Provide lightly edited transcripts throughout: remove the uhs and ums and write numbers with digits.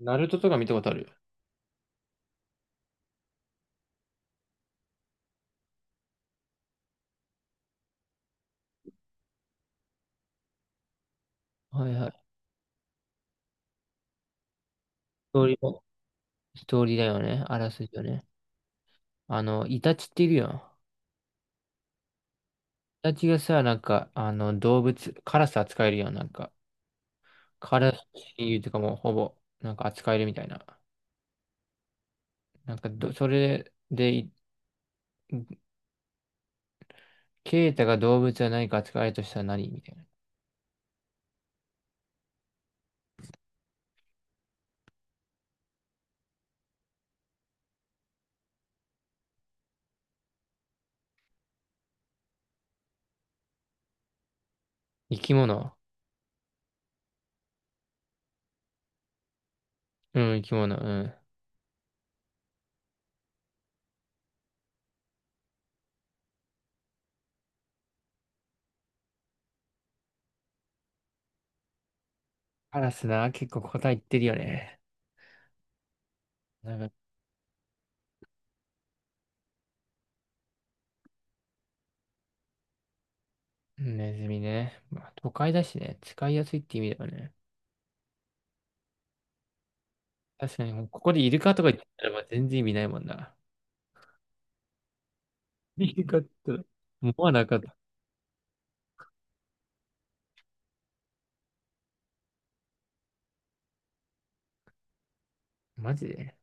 ナルトとか見たことある？はいはい。トーリーも、ストーリーだよね。あらすじよね。イタチっているよ。イタチがさ、なんか、動物、カラス扱えるよ。なんか、カラス親友とかもほぼ、なんか扱えるみたいな。なんかど、それで、ケイタが動物は何か扱えるとしたら何みたいな。生き物。うん、生き物。うん。カラスな、結構答え言ってるよね。なんか、ネズミね。まあ、都会だしね。使いやすいって意味だよね。確かに、もうここでイルカとか言ってたらまあ全然意味ないもんな。イルカって言ったらもうなかった。マジで。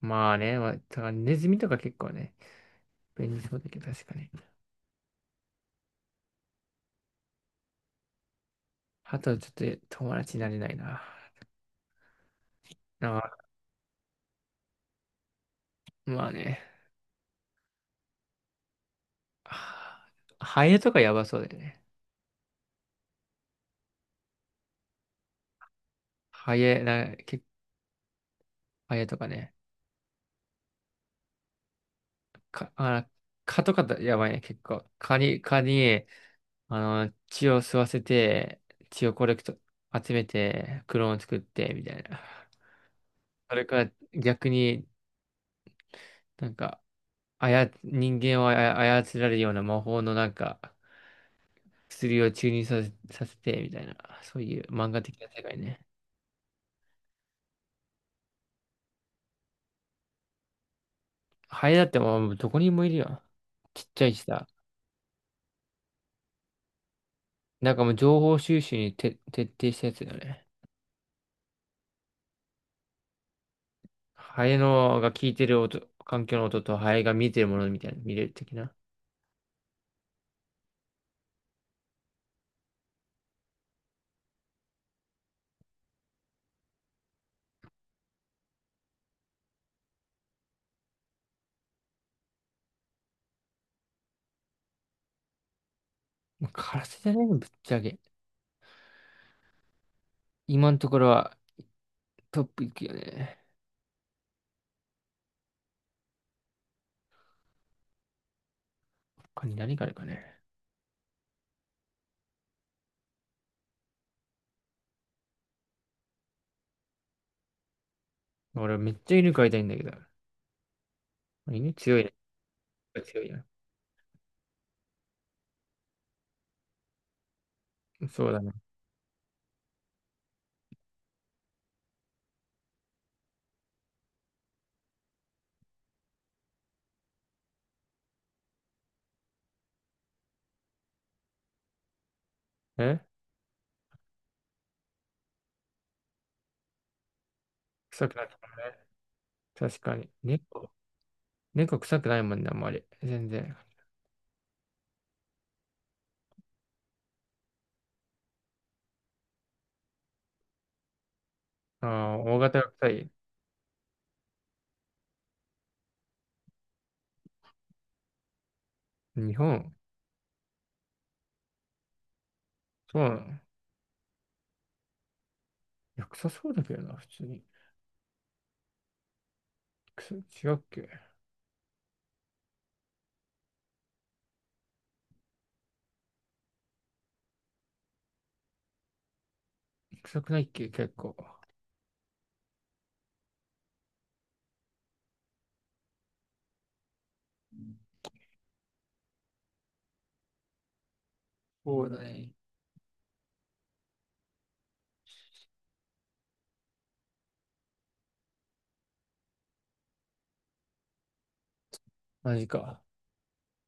まあね、まあ、だからネズミとか結構ね、便利そうだけど確かに。あとはちょっと友達になれないな。なんかまあね、はハエとかやばそうだよね。ハエ、な、結構ハエとかね。か、あ、蚊とかだやばいね、結構。蚊に、血を吸わせて、血をコレクト、集めて、クローン作って、みたいな。それから逆になんか、人間を操られるような魔法のなんか、薬を注入させ、させて、みたいな、そういう漫画的な世界ね。ハエだってもうどこにもいるよ。ちっちゃいしさ。なんかもう情報収集にて徹底したやつだよね。ハエのが聞いてる音、環境の音とハエが見てるものみたいな、見れる的な。もうカラスじゃないの、ぶっちゃけ。今のところはトップいくよね。他に何があるかね。俺めっちゃ犬飼いたいんだけど。犬強いね。強いやん。そうだね。え臭くないかもね。確かに。猫臭くないもんね、あんまり。全然。ああ、大型が臭い。日本、そうなの。いや、臭そうだけどな、普通に。臭い、違うっけ？臭くないっけ結構？そうだね。マジか。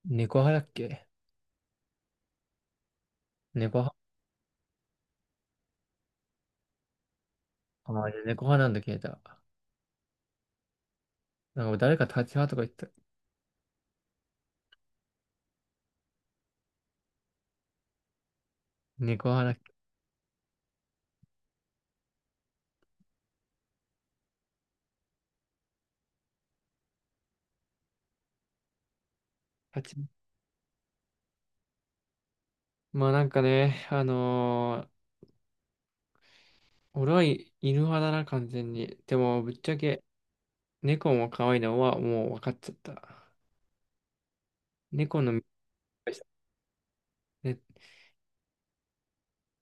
猫派だっけ？猫派。ああ、猫派なんだ、消えた。なんか誰か立ち派とか言ってた。猫派だっけ？立ち。まあなんかね、俺は犬派だな、完全に。でも、ぶっちゃけ、猫も可愛いのはもう分かっちゃった。猫のでした。ね、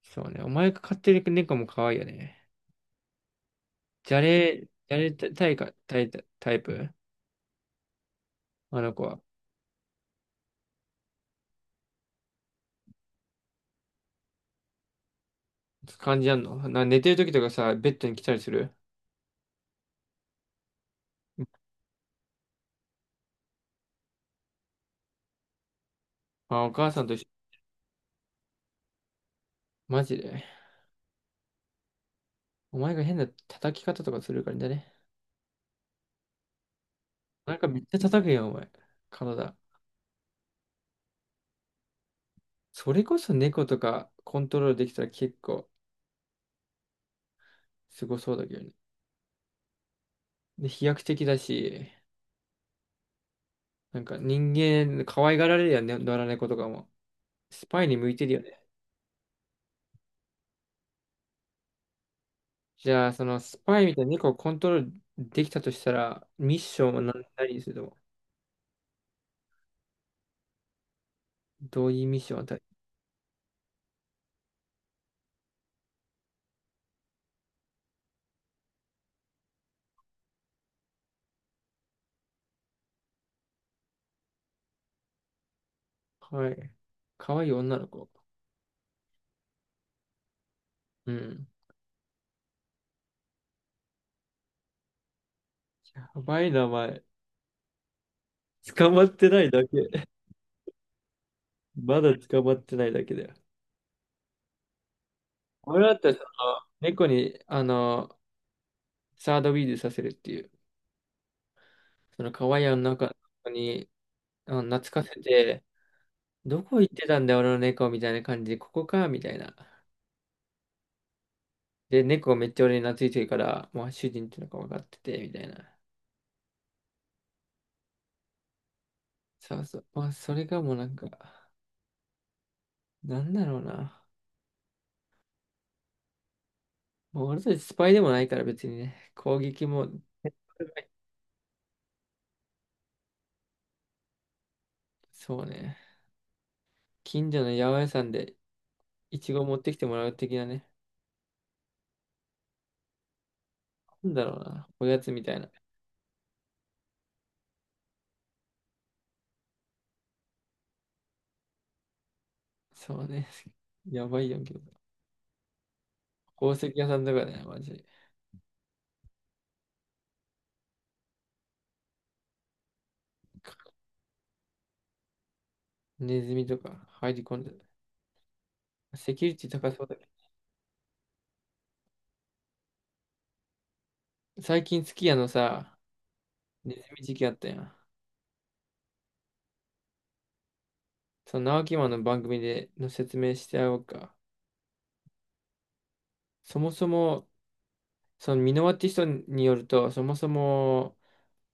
そうね。お前が飼ってる猫も可愛いよね。じゃれタイか、タイプあの子は。感じあんのな、寝てる時とかさ、ベッドに来たりする？あ、お母さんと一緒。マジで。お前が変な叩き方とかするからね。なんかめっちゃ叩くやん、お前。体。それこそ猫とかコントロールできたら結構すごそうだけどね。で、飛躍的だし、なんか人間可愛がられるやんね、野良猫とかも。スパイに向いてるよね。じゃあ、そのスパイみたいな猫をコントロールできたとしたら、ミッションは何、何にするの？どういうミッションを与え？はい。可愛い女の子。うん。やばい名前。捕まってないだけ。まだ捕まってないだけだよ。俺だったらその、猫に、サードウィーズさせるっていう、その可愛い女の子に、懐かせて、どこ行ってたんだよ、俺の猫みたいな感じで、ここか、みたいな。で、猫めっちゃ俺に懐いてるから、もう主人っていうのが分かってて、みたいな。そうそう。まあ、それがもうなんか、なんだろうな。もう俺たちスパイでもないから別にね、攻撃も、そうね。近所の八百屋さんでイチゴ持ってきてもらう的なね。なんだろうな。おやつみたいな。そうね。やばいやんけど。宝石屋さんとかね、マジで。ネズミとか入り込んでる。セキュリティ高そうだけど。最近、すき家のさ、ネズミ事件あったやん。その、直木マンの番組での説明してやろうか。そもそも、そのミノアーティストによると、そもそも、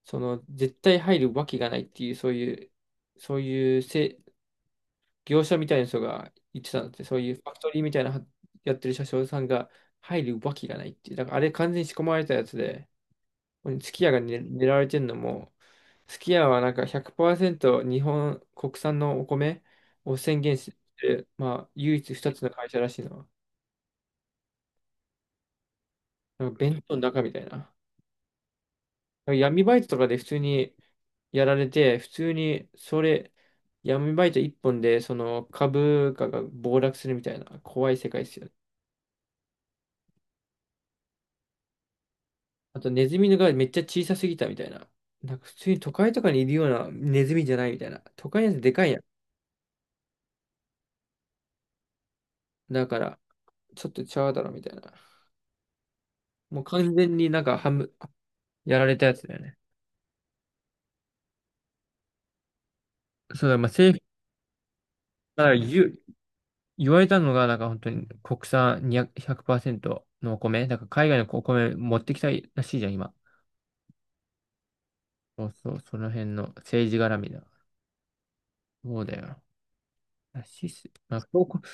その絶対入るわけがないっていう、そういう、そういうせ業者みたいな人が言ってたのって、そういうファクトリーみたいなはやってる車掌さんが入るわけがないっていう、だからあれ完全に仕込まれたやつで、すき家が、ね、狙われてるのも、すき家はなんか100%日本国産のお米を宣言してる、まあ唯一2つの会社らしいのは、なんか弁当の中みたいな。闇バイトとかで普通にやられて、普通にそれ、闇バイト一本でその株価が暴落するみたいな怖い世界ですよね。あとネズミのがめっちゃ小さすぎたみたいな。なんか普通に都会とかにいるようなネズミじゃないみたいな。都会のやつでかいやん。だからちょっとちゃうだろみたいな。もう完全になんか半分やられたやつだよね。そうだ、まあ、政府から言われたのがなんか本当に国産200セントのお米。だから海外のお米持ってきたいらしいじゃん、今。そうそう、その辺の政治絡みだ。そうだよ。ナシス、まあ、こう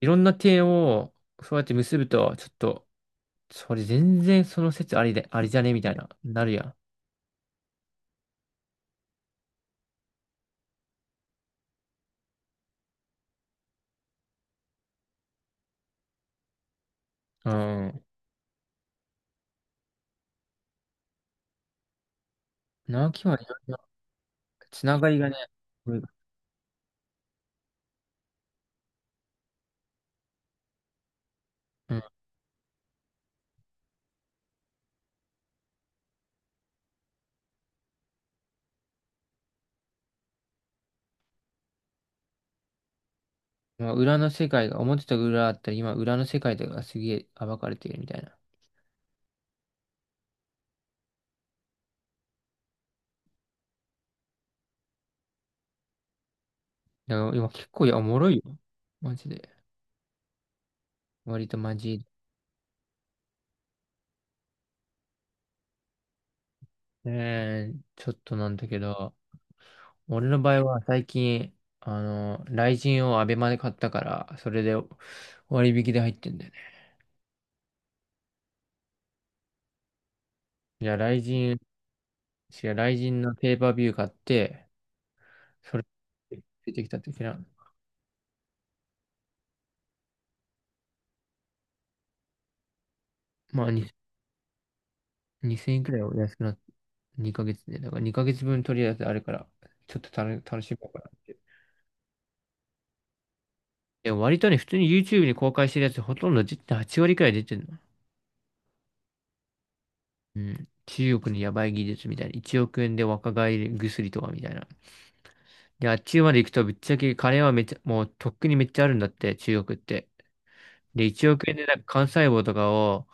いろんな点をそうやって結ぶと、ちょっと、それ全然その説ありで、ありじゃねみたいな、なるやん。うん。直樹はいろんなつながりがね、うん。うん。まあ、裏の世界が、表と裏あったり、今裏の世界とかがすげえ暴かれているみたいな。だから今結構いや、おもろいよ。マジで。割とマジで。ねえ、ちょっとなんだけど。俺の場合は最近、雷神をアベマで買ったから、それで割引で入ってんだよね。じゃあ雷神のペーパービュー買って、それついてきた時な、まあに2000円くらいお安くなって、2ヶ月で、だから2ヶ月分とりあえずあるから、ちょっと楽しもうかなって。でも割とね、普通に YouTube に公開してるやつほとんど8割くらい出てるの。うん。中国のヤバい技術みたいな。1億円で若返り薬とかみたいな。で、あっちまで行くと、ぶっちゃけ金はめちゃ、もうとっくにめっちゃあるんだって、中国って。で、1億円でなんか幹細胞とかを、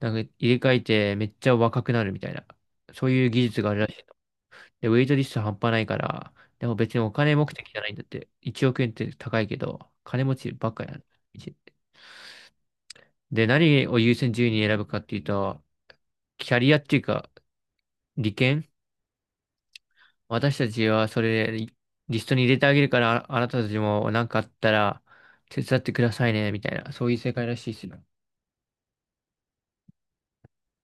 なんか入れ替えてめっちゃ若くなるみたいな。そういう技術があるらしい。で、ウェイトリスト半端ないから、でも別にお金目的じゃないんだって。1億円って高いけど、金持ちばっかやん。いちで、何を優先順位に選ぶかっていうと、キャリアっていうか、利権。私たちはそれリストに入れてあげるから、ああなたたちも何かあったら手伝ってくださいね、みたいな。そういう世界らしいですよ。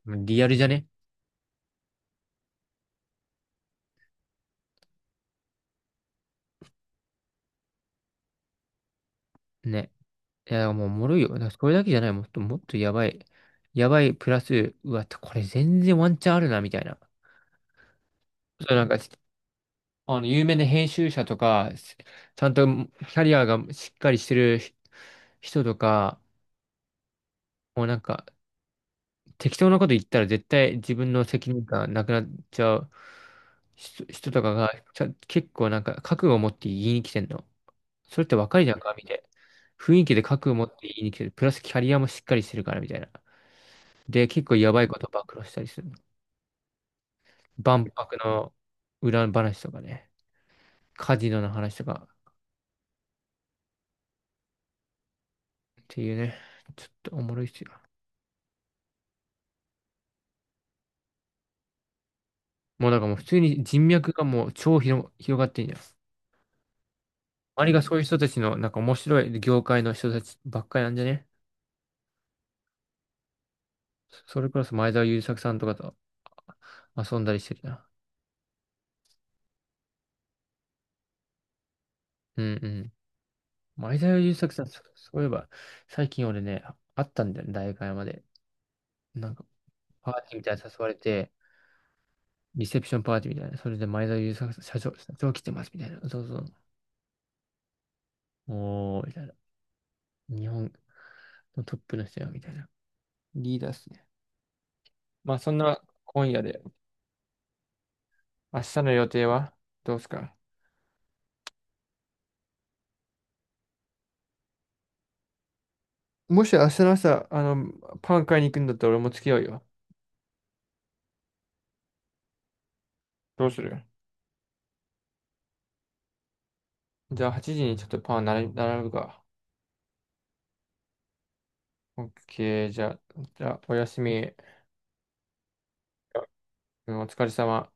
リアルじゃね？ね。いや、もうおもろいよ。だからこれだけじゃない。もっともっとやばい。やばいプラス、うわ、これ全然ワンチャンあるな、みたいな。そう、なんか、有名な編集者とか、ちゃんとキャリアがしっかりしてる人とか、もうなんか、適当なこと言ったら絶対自分の責任感なくなっちゃう人とかが結構なんか覚悟を持って言いに来てんの。それって若いじゃんか、みたいな。雰囲気で覚悟を持って言いに来てる。プラスキャリアもしっかりしてるから、みたいな。で、結構やばいこと暴露したりするの。万博の裏話とかね。カジノの話とかっていうね。ちょっとおもろいっすよ。もうなんかもう普通に人脈がもう広がってんじゃん。周りがそういう人たちのなんか面白い業界の人たちばっかりなんじゃね？それプラス前澤友作さんとかと遊んだりしてるな。うんうん。前澤友作さん、そういえば、最近俺ね、会ったんだよね、大会山で。なんか、パーティーみたいなの誘われて、リセプションパーティーみたいな。それで前澤友作さん、社長来てます、みたいな。そうそう。おー、みたいな。日本のトップの人よ、みたいな。リーダーっすね。まあ、そんな今夜で、明日の予定はどうすか？もし明日の朝、パン買いに行くんだったら俺も付き合うよ。どうする？じゃあ8時にちょっとパン並び並ぶか。OK、じゃあおやすみ。うん。お疲れ様。